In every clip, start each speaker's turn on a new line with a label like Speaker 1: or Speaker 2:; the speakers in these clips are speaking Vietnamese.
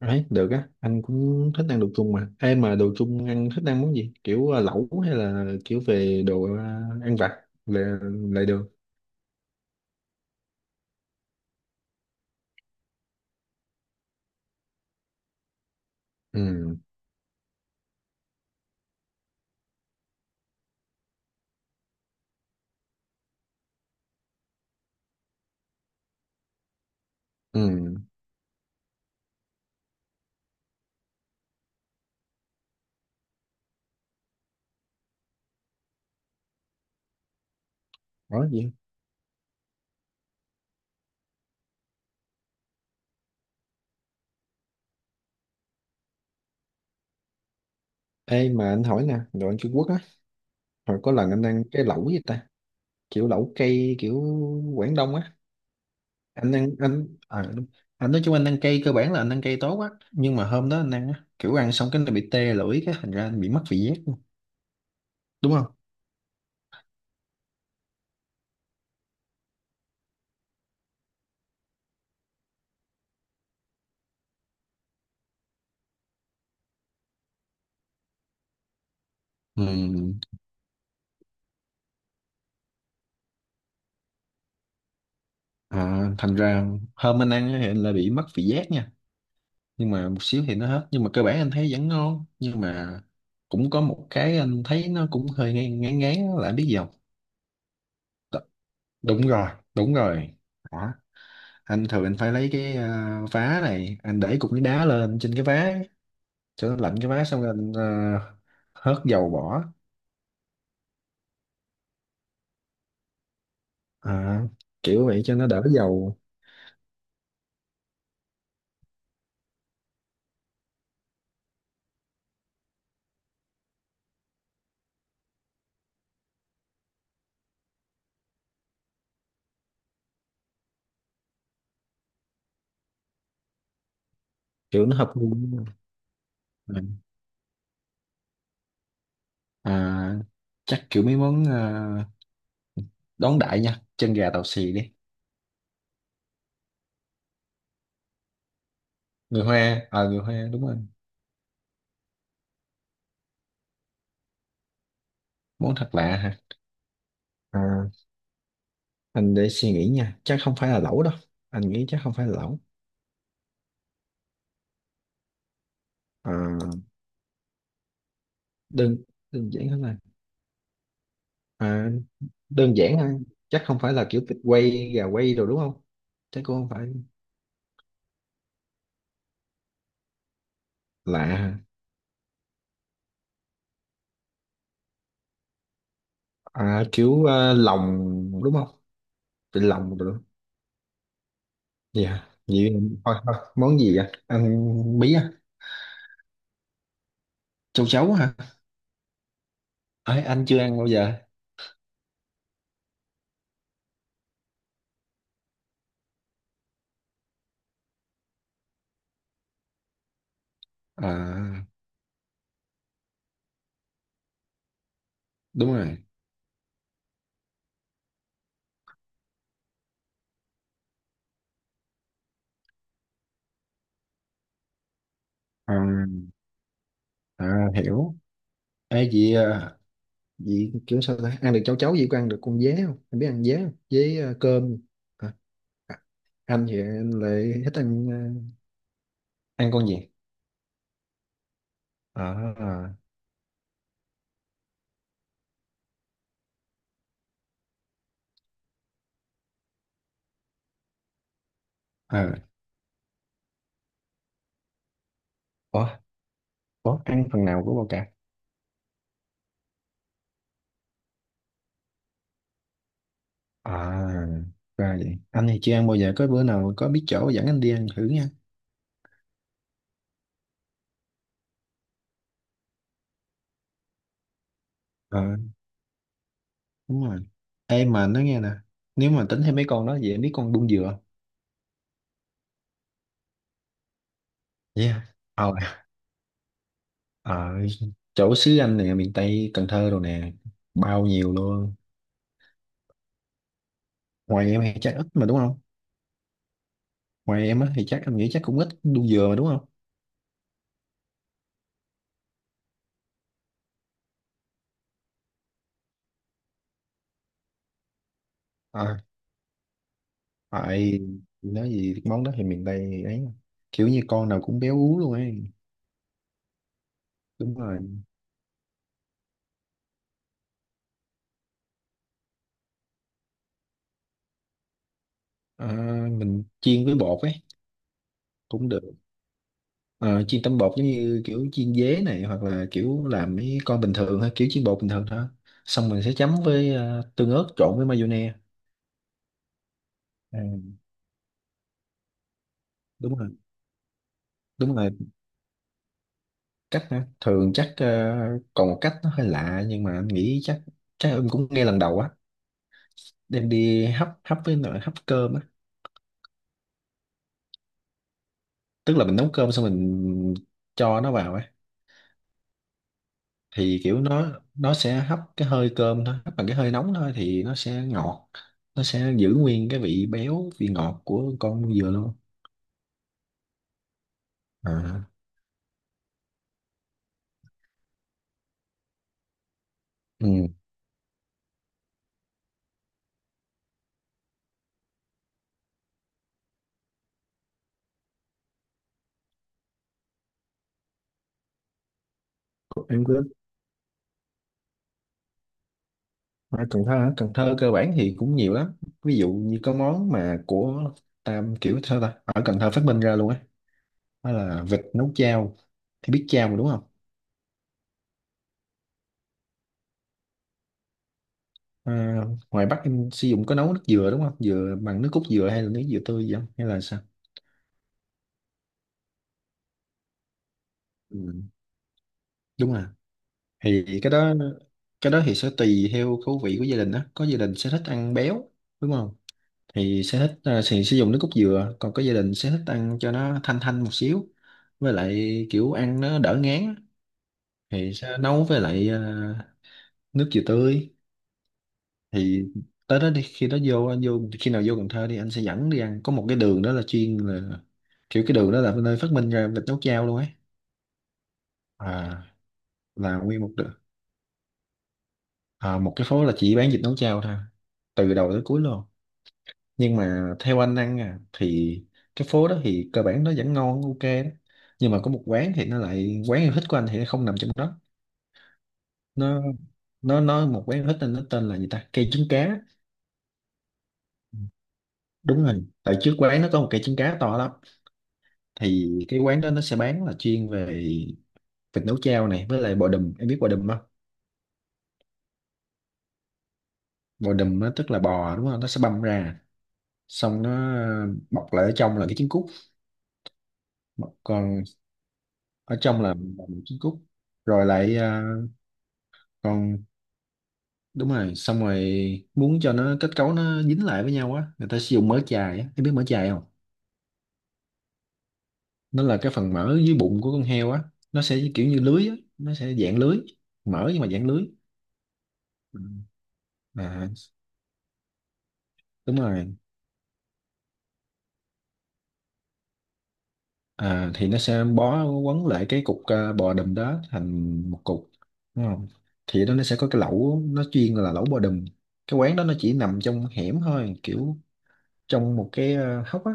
Speaker 1: Đấy, được á, anh cũng thích ăn đồ Trung mà. Em mà đồ Trung ăn thích ăn món gì? Kiểu lẩu hay là kiểu về ăn vặt là lại được. Ừ, ừ, đó gì? Ê mà anh hỏi nè, đồ ăn Trung Quốc á, hồi có lần anh ăn cái lẩu gì ta? Kiểu lẩu cây kiểu Quảng Đông á. Anh ăn đúng. Anh nói chung anh ăn cây cơ bản là anh ăn cây tốt á, nhưng mà hôm đó anh ăn á, kiểu ăn xong cái nó bị tê lưỡi cái thành ra anh bị mất vị giác luôn. Đúng không? Ừ. À, thành ra hôm anh ăn á thì anh là bị mất vị giác nha, nhưng mà một xíu thì nó hết, nhưng mà cơ bản anh thấy vẫn ngon, nhưng mà cũng có một cái anh thấy nó cũng hơi ngán ngán ngán á, là anh biết gì không? Đ- Đúng rồi, đúng rồi, đó. Anh thường anh phải lấy cái vá này, anh để cục nước đá lên trên cái vá cho nó lạnh cái vá, xong rồi anh hớt dầu bỏ. à, Kiểu vậy cho nó đỡ dầu. Kiểu nó hợp gu. Ừ. à, Chắc kiểu mấy món, đón đại nha, chân gà tàu xì đi. Người hoa, ờ, người hoa đúng rồi. Món thật lạ hả? Anh để suy nghĩ nha, chắc không phải là lẩu đâu. Anh nghĩ chắc không phải là lẩu. À, đơn Đơn giản hơn là. À, đơn giản ha. Chắc không phải là kiểu vịt quay gà quay rồi đúng không? Chắc cũng không phải. Lạ ha. Lòng đúng không? Vịt lòng rồi đúng. Dạ vậy thôi thôi, món gì vậy, ăn bí à? Châu chấu hả? Ấy anh chưa ăn bao giờ. à Đúng rồi. à, Hiểu. Ê, vậy. Vậy kiểu sao ta? Ăn được cháo cháo vậy có ăn được con dế không? Em biết ăn dế không? Dế cơm. Hả? À, anh thì anh lại thích ăn ờ, Ăn con gì? À, à. Ủa, ủa, ăn phần nào của bò cạp? À, ra vậy. Anh thì chưa ăn bao giờ. Có bữa nào có biết chỗ dẫn anh đi ăn thử nha. Ờ, đúng rồi. Ê mà nói nghe nè. Nếu mà tính thêm mấy con đó, vậy em biết con đung dừa không? Yeah. Ờ, ờ, Chỗ xứ anh nè, miền Tây, Cần Thơ rồi nè. Bao nhiêu luôn. Ngoài em hay trái ít mà đúng không? Ngoài em á thì chắc em nghĩ chắc cũng ít đu dừa mà đúng không? À tại, nói gì cái món đó thì miền Tây ấy mà. Kiểu như con nào cũng béo ú luôn ấy. Đúng rồi. à, mình chiên với bột ấy cũng được. Ờ, chiên tấm bột giống như kiểu chiên dế này, hoặc là kiểu làm mấy con bình thường ha, kiểu chiên bột bình thường thôi. Xong mình sẽ chấm với tương ớt trộn với mayonnaise. à, Đúng rồi, đúng rồi. Cách hả? Thường chắc ờ, còn một cách nó hơi lạ, nhưng mà anh nghĩ chắc chắc em cũng nghe lần đầu á. Đem đi hấp, hấp với nồi hấp cơm á. Tức là mình nấu cơm xong mình cho nó vào ấy. Thì kiểu nó sẽ hấp cái hơi cơm thôi, hấp bằng cái hơi nóng thôi, thì nó sẽ ngọt. Nó sẽ giữ nguyên cái vị béo vị ngọt của con dừa luôn. À, ừ. Em cứ ở Cần Thơ hả? Cần Thơ cơ bản thì cũng nhiều lắm. Ví dụ như có món mà của Tam, kiểu sao ta, ở Cần Thơ phát minh ra luôn ấy. Đó là vịt nấu chao. Thì biết chao mà đúng không? à, Ngoài Bắc em sử dụng có nấu nước dừa đúng không, dừa bằng nước cốt dừa hay là nước dừa tươi gì không hay là sao? Ừ. Đúng rồi. Cái đó cái đó thì sẽ tùy theo khẩu vị của gia đình đó, có gia đình sẽ thích ăn béo đúng không, thì sẽ thích thì sử dụng nước cốt dừa, còn có gia đình sẽ thích ăn cho nó thanh thanh một xíu, với lại kiểu ăn nó đỡ ngán á, thì sẽ nấu với lại nước dừa tươi. Thì tới đó đi, khi đó vô, anh vô khi nào vô Cần Thơ đi anh sẽ dẫn đi ăn, có một cái đường đó là chuyên là kiểu, cái đường đó là nơi phát minh ra vịt nấu chao luôn ấy. À là nguyên một đường, à, một cái phố là chỉ bán vịt nấu chao thôi, từ đầu tới cuối luôn. Nhưng mà theo anh ăn à thì cái phố đó thì cơ bản nó vẫn ngon ok đó, nhưng mà có một quán thì nó lại quán yêu thích của anh thì nó không nằm trong đó. Nó nó nó một quán yêu thích nên nó tên là gì ta, cây trứng cá. Đúng rồi, tại trước quán nó có một cây trứng cá to lắm. Thì cái quán đó nó sẽ bán là chuyên về vịt nấu chao này với lại bò đùm, em biết bò đùm không? Bò đùm nó tức là bò đúng không, nó sẽ băm ra, xong nó bọc lại, ở trong là cái trứng cút. Còn ở trong là một trứng cút. Rồi lại à, còn đúng rồi, xong rồi muốn cho nó kết cấu nó dính lại với nhau á, người ta sử dụng mỡ chài á, em biết mỡ chài không? Nó là cái phần mỡ dưới bụng của con heo á, nó sẽ kiểu như lưới á, nó sẽ dạng lưới, mỡ nhưng mà dạng lưới. Ừ. à, Đúng rồi. Thì nó sẽ bó quấn lại cái cục bò đùm đó thành một cục đúng không, thì đó nó sẽ có cái lẩu nó chuyên là lẩu bò đùm. Cái quán đó nó chỉ nằm trong hẻm thôi, kiểu trong một cái hốc á,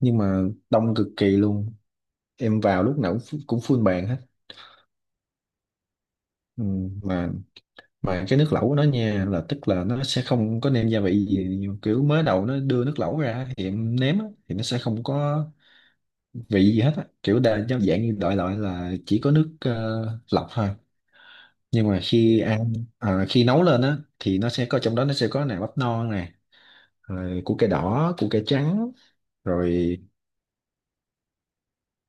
Speaker 1: nhưng mà đông cực kỳ luôn. Em vào lúc nào cũng, cũng full bàn hết. Ừ, mà mà cái nước lẩu của nó nha là tức là nó sẽ không có nêm gia vị gì, kiểu mới đầu nó đưa nước lẩu ra thì em nếm á, thì nó sẽ không có vị gì hết á, kiểu đa giống dạng như đại loại là chỉ có nước lọc thôi. Nhưng mà khi ăn, à, khi nấu lên á thì nó sẽ có trong đó, nó sẽ có nè bắp non nè, rồi củ cây đỏ củ cây trắng rồi.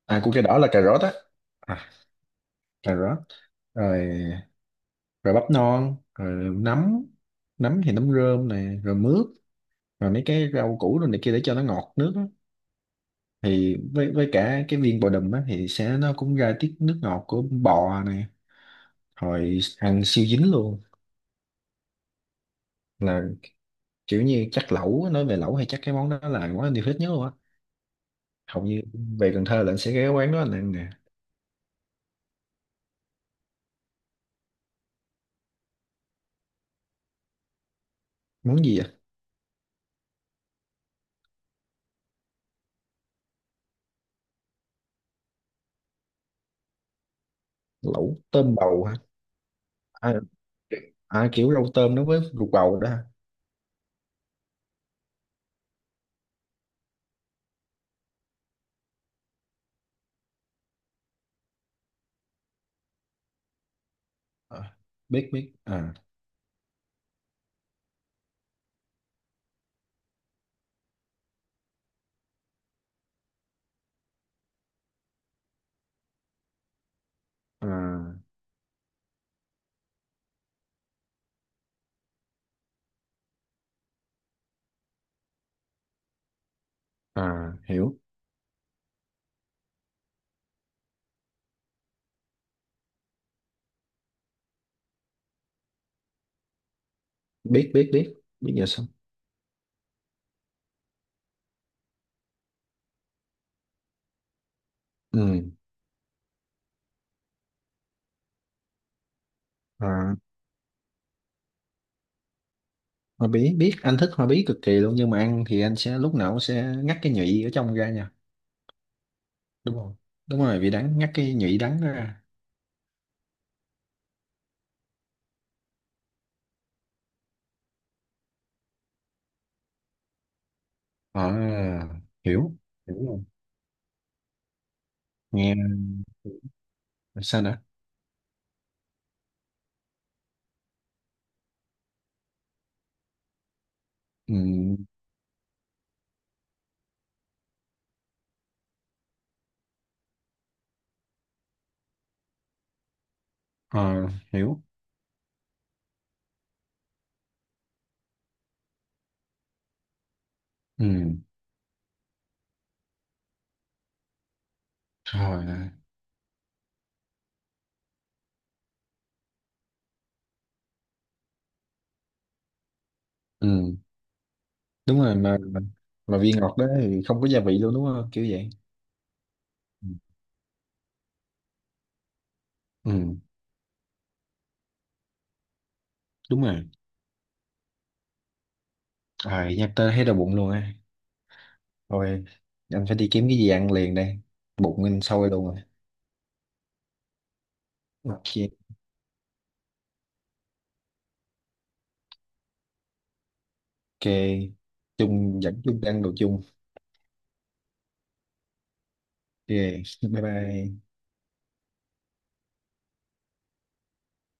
Speaker 1: À củ cây đỏ là cà rốt á. À, cà rốt. Rồi rồi bắp non rồi nấm, nấm thì nấm rơm nè, rồi mướp, rồi mấy cái rau củ rồi này kia để cho nó ngọt nước á. Thì với cả cái viên bò đùm á thì sẽ nó cũng ra tiết nước ngọt của bò này, hồi ăn siêu dính luôn. Là kiểu như chắc lẩu á, nói về lẩu hay chắc cái món đó là món anh yêu thích nhất luôn á, hầu như về Cần Thơ là anh sẽ ghé quán đó anh ăn nè. Món gì vậy? Lẩu tôm bầu hả? À, à kiểu rau tôm nó với ruột bầu đó hả? À, biết biết. À, à à hiểu. Biết biết biết, biết giờ xong. Ừ, à. Hoa bí biết, anh thích hoa bí cực kỳ luôn, nhưng mà ăn thì anh sẽ lúc nào cũng sẽ ngắt cái nhụy ở trong ra nha. Đúng không, đúng rồi, vị đắng, ngắt cái nhụy đắng đó ra. À, hiểu, hiểu luôn. Nghe sao nữa? ừ, ờ, Hiểu. Ừ, rồi. Ừ, đúng rồi. Mà vị ngọt đó thì không có gia vị luôn đúng không, kiểu vậy. Ừ, ừ, đúng rồi. À, nhắc tới thấy đau bụng luôn á. Thôi anh phải đi kiếm cái gì ăn liền đây, bụng anh sôi luôn rồi. Ok, ok. Chung dẫn chung đang đồ chung. Ok, bye bye.